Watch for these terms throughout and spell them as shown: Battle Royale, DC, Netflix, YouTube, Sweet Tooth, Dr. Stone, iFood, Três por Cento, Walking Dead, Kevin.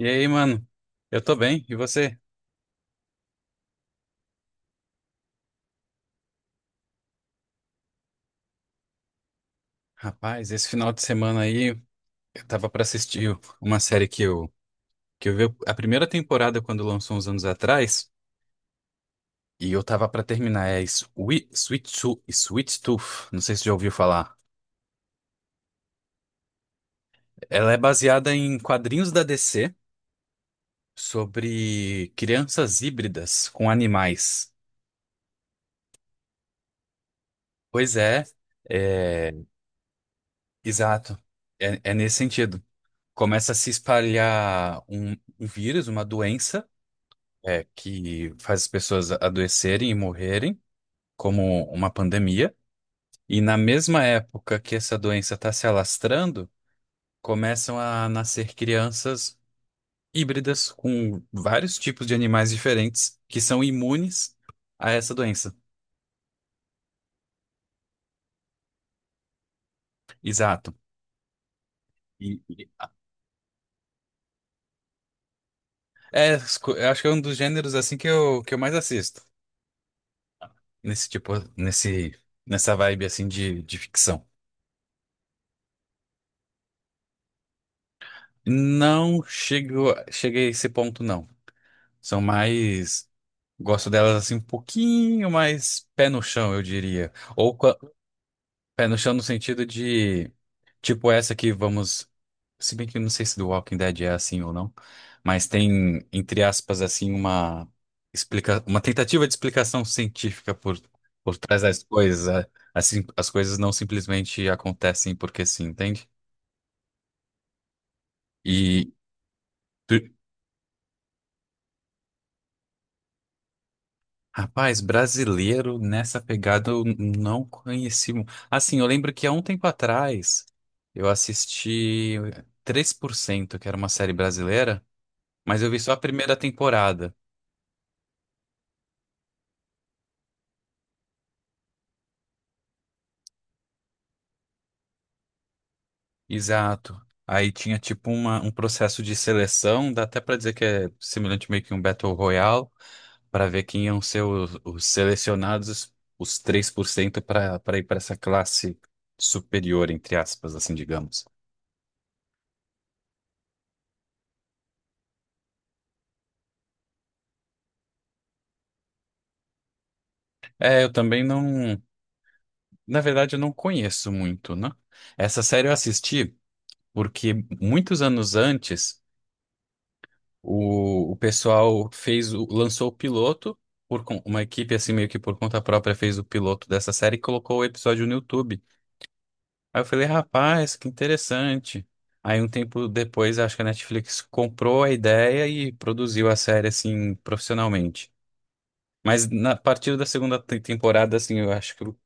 E aí, mano? Eu tô bem, e você? Rapaz, esse final de semana aí eu tava pra assistir uma série que eu vi a primeira temporada quando lançou uns anos atrás, e eu tava pra terminar, é Sweet Tooth, não sei se você já ouviu falar. Ela é baseada em quadrinhos da DC sobre crianças híbridas com animais. Pois é exato. É nesse sentido. Começa a se espalhar um vírus, uma doença que faz as pessoas adoecerem e morrerem, como uma pandemia. E na mesma época que essa doença está se alastrando, começam a nascer crianças híbridas com vários tipos de animais diferentes que são imunes a essa doença. Exato. E- e- eu acho que é um dos gêneros assim que eu mais assisto nesse tipo, nessa vibe assim de ficção. Não cheguei a esse ponto, não. São mais Gosto delas assim um pouquinho mais pé no chão, eu diria. Ou qua- pé no chão no sentido de, tipo essa que vamos. Se bem que eu não sei se do Walking Dead é assim ou não, mas tem, entre aspas, assim, uma explica... uma tentativa de explicação científica por trás das coisas. Assim, as coisas não simplesmente acontecem porque sim, entende? E Rapaz, brasileiro nessa pegada eu não conheci. Assim, eu lembro que há um tempo atrás eu assisti 3% que era uma série brasileira, mas eu vi só a primeira temporada. Exato. Aí tinha tipo um processo de seleção, dá até pra dizer que é semelhante meio que um Battle Royale, pra ver quem iam ser os selecionados, os 3% pra para ir pra essa classe superior, entre aspas, assim, digamos. É, eu também não. Na verdade, eu não conheço muito, né? Essa série eu assisti porque muitos anos antes o pessoal lançou o piloto uma equipe assim meio que por conta própria fez o piloto dessa série e colocou o episódio no YouTube. Aí eu falei, rapaz, que interessante. Aí um tempo depois, acho que a Netflix comprou a ideia e produziu a série assim profissionalmente. Mas na, a partir da segunda temporada, assim, eu acho que eu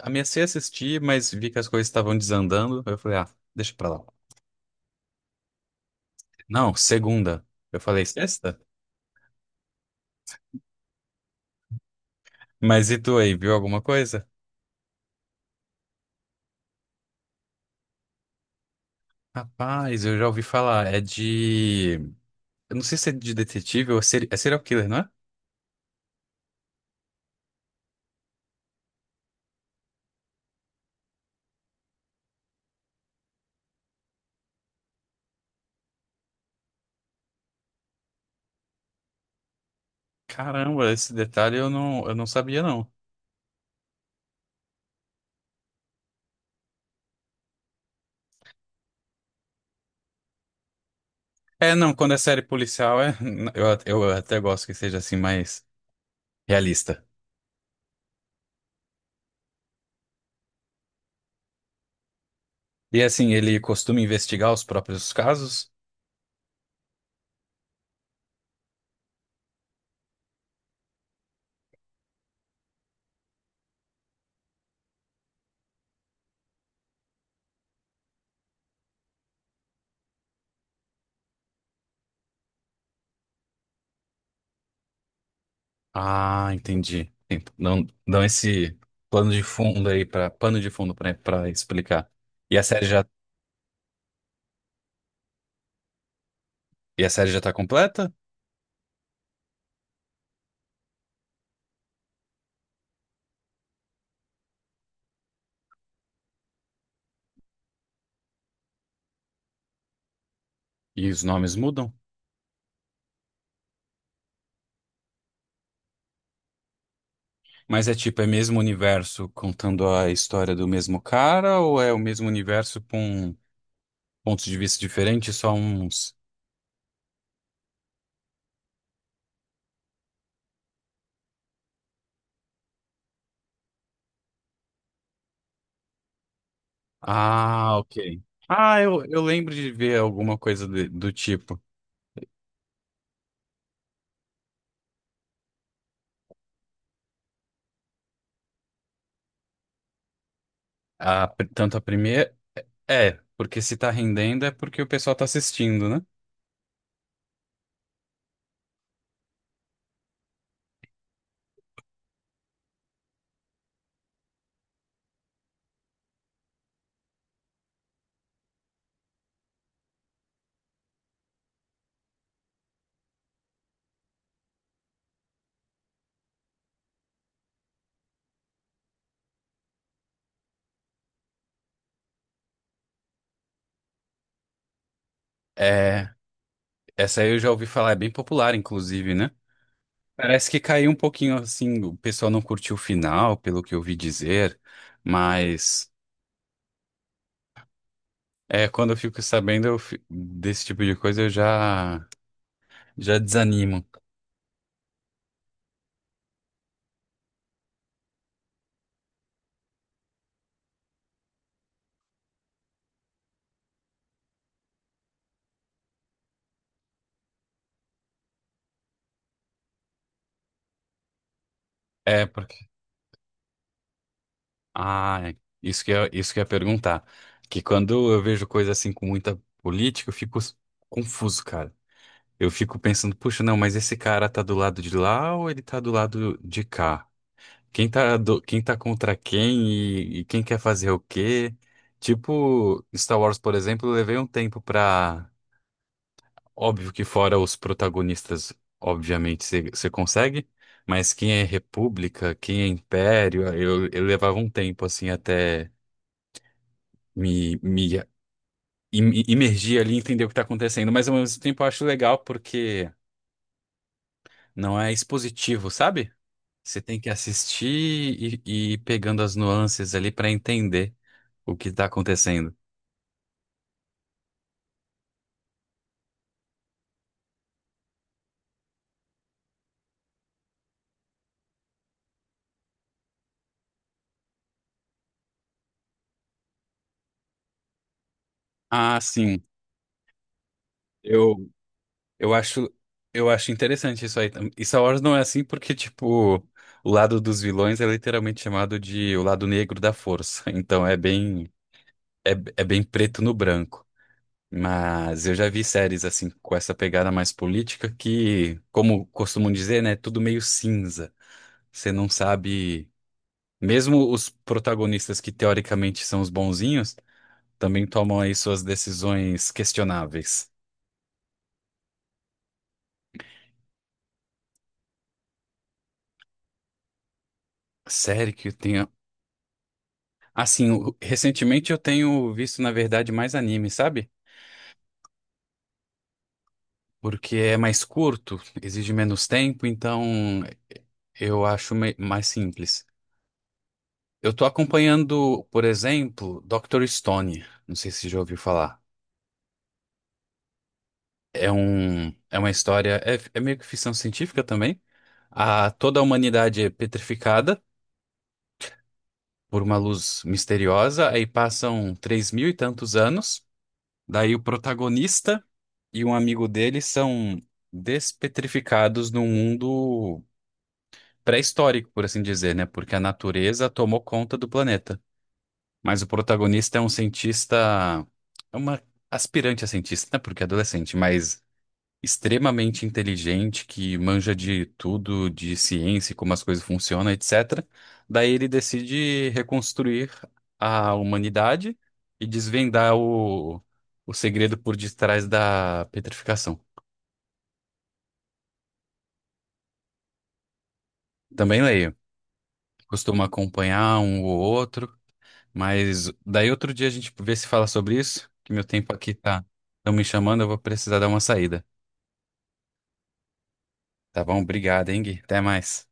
amecei a assistir, mas vi que as coisas estavam desandando. Eu falei, ah, deixa pra lá. Não, segunda. Eu falei, sexta? Mas e tu aí, viu alguma coisa? Rapaz, eu já ouvi falar. É de. Eu não sei se é de detetive ou é serial killer, não é? Caramba, esse detalhe eu não sabia, não. É, não, quando é série policial, eu até gosto que seja assim mais realista. E assim, ele costuma investigar os próprios casos? Ah, entendi. Dão esse plano de fundo aí para pano de fundo para explicar. E a série já e a série já tá completa? E os nomes mudam? Mas é tipo, é mesmo universo contando a história do mesmo cara ou é o mesmo universo com pontos de vista diferentes, só uns? Ah, ok. Ah, eu lembro de ver alguma coisa do tipo. Tanto a primeira. É, porque se tá rendendo é porque o pessoal tá assistindo, né? É. Essa aí eu já ouvi falar, é bem popular, inclusive, né? Parece que caiu um pouquinho assim, o pessoal não curtiu o final, pelo que eu ouvi dizer, mas é, quando eu fico sabendo eu desse tipo de coisa, eu já desanimo. É, porque isso que eu, isso que eu ia perguntar, que quando eu vejo coisa assim com muita política, eu confuso, cara. Eu fico pensando, puxa, não, mas esse cara tá do lado de lá ou ele tá do lado de cá? Quem tá contra quem e quem quer fazer o quê? Tipo, Star Wars, por exemplo, eu levei um tempo pra. Óbvio que fora os protagonistas, obviamente, você consegue, mas quem é República, quem é Império, eu levava um tempo assim até me, me imergir ali e entender o que tá acontecendo. Mas ao mesmo tempo eu acho legal porque não é expositivo, sabe? Você tem que assistir e ir pegando as nuances ali pra entender. O que está acontecendo? Ah, sim. Eu, eu acho, eu acho interessante isso aí. E Star Wars não é assim porque, tipo, o lado dos vilões é literalmente chamado de o lado negro da força. Então é bem, é bem preto no branco. Mas eu já vi séries assim com essa pegada mais política que, como costumam dizer, né, é tudo meio cinza. Você não sabe, mesmo os protagonistas que teoricamente são os bonzinhos, também tomam aí suas decisões questionáveis. Série que eu tenho. Assim, recentemente eu tenho visto, na verdade, mais anime, sabe? Porque é mais curto, exige menos tempo, então eu acho mais simples. Eu tô acompanhando, por exemplo, Dr. Stone. Não sei se já ouviu falar. É uma história, é meio que ficção científica também. A, toda a humanidade é petrificada por uma luz misteriosa, aí passam três mil e tantos anos. Daí o protagonista. E um amigo dele são despetrificados num mundo pré-histórico, por assim dizer, né? Porque a natureza tomou conta do planeta. Mas o protagonista é um cientista, é uma aspirante a cientista, né? Porque é adolescente, mas extremamente inteligente, que manja de tudo, de ciência, como as coisas funcionam, etcétera. Daí ele decide reconstruir a humanidade e desvendar o segredo por detrás da petrificação. Também leio. Costuma acompanhar um ou outro, mas daí outro dia a gente vê se fala sobre isso, que meu tempo aqui tá, estão me chamando, eu vou precisar dar uma saída. Tá bom? Obrigado, hein, Gui? Até mais.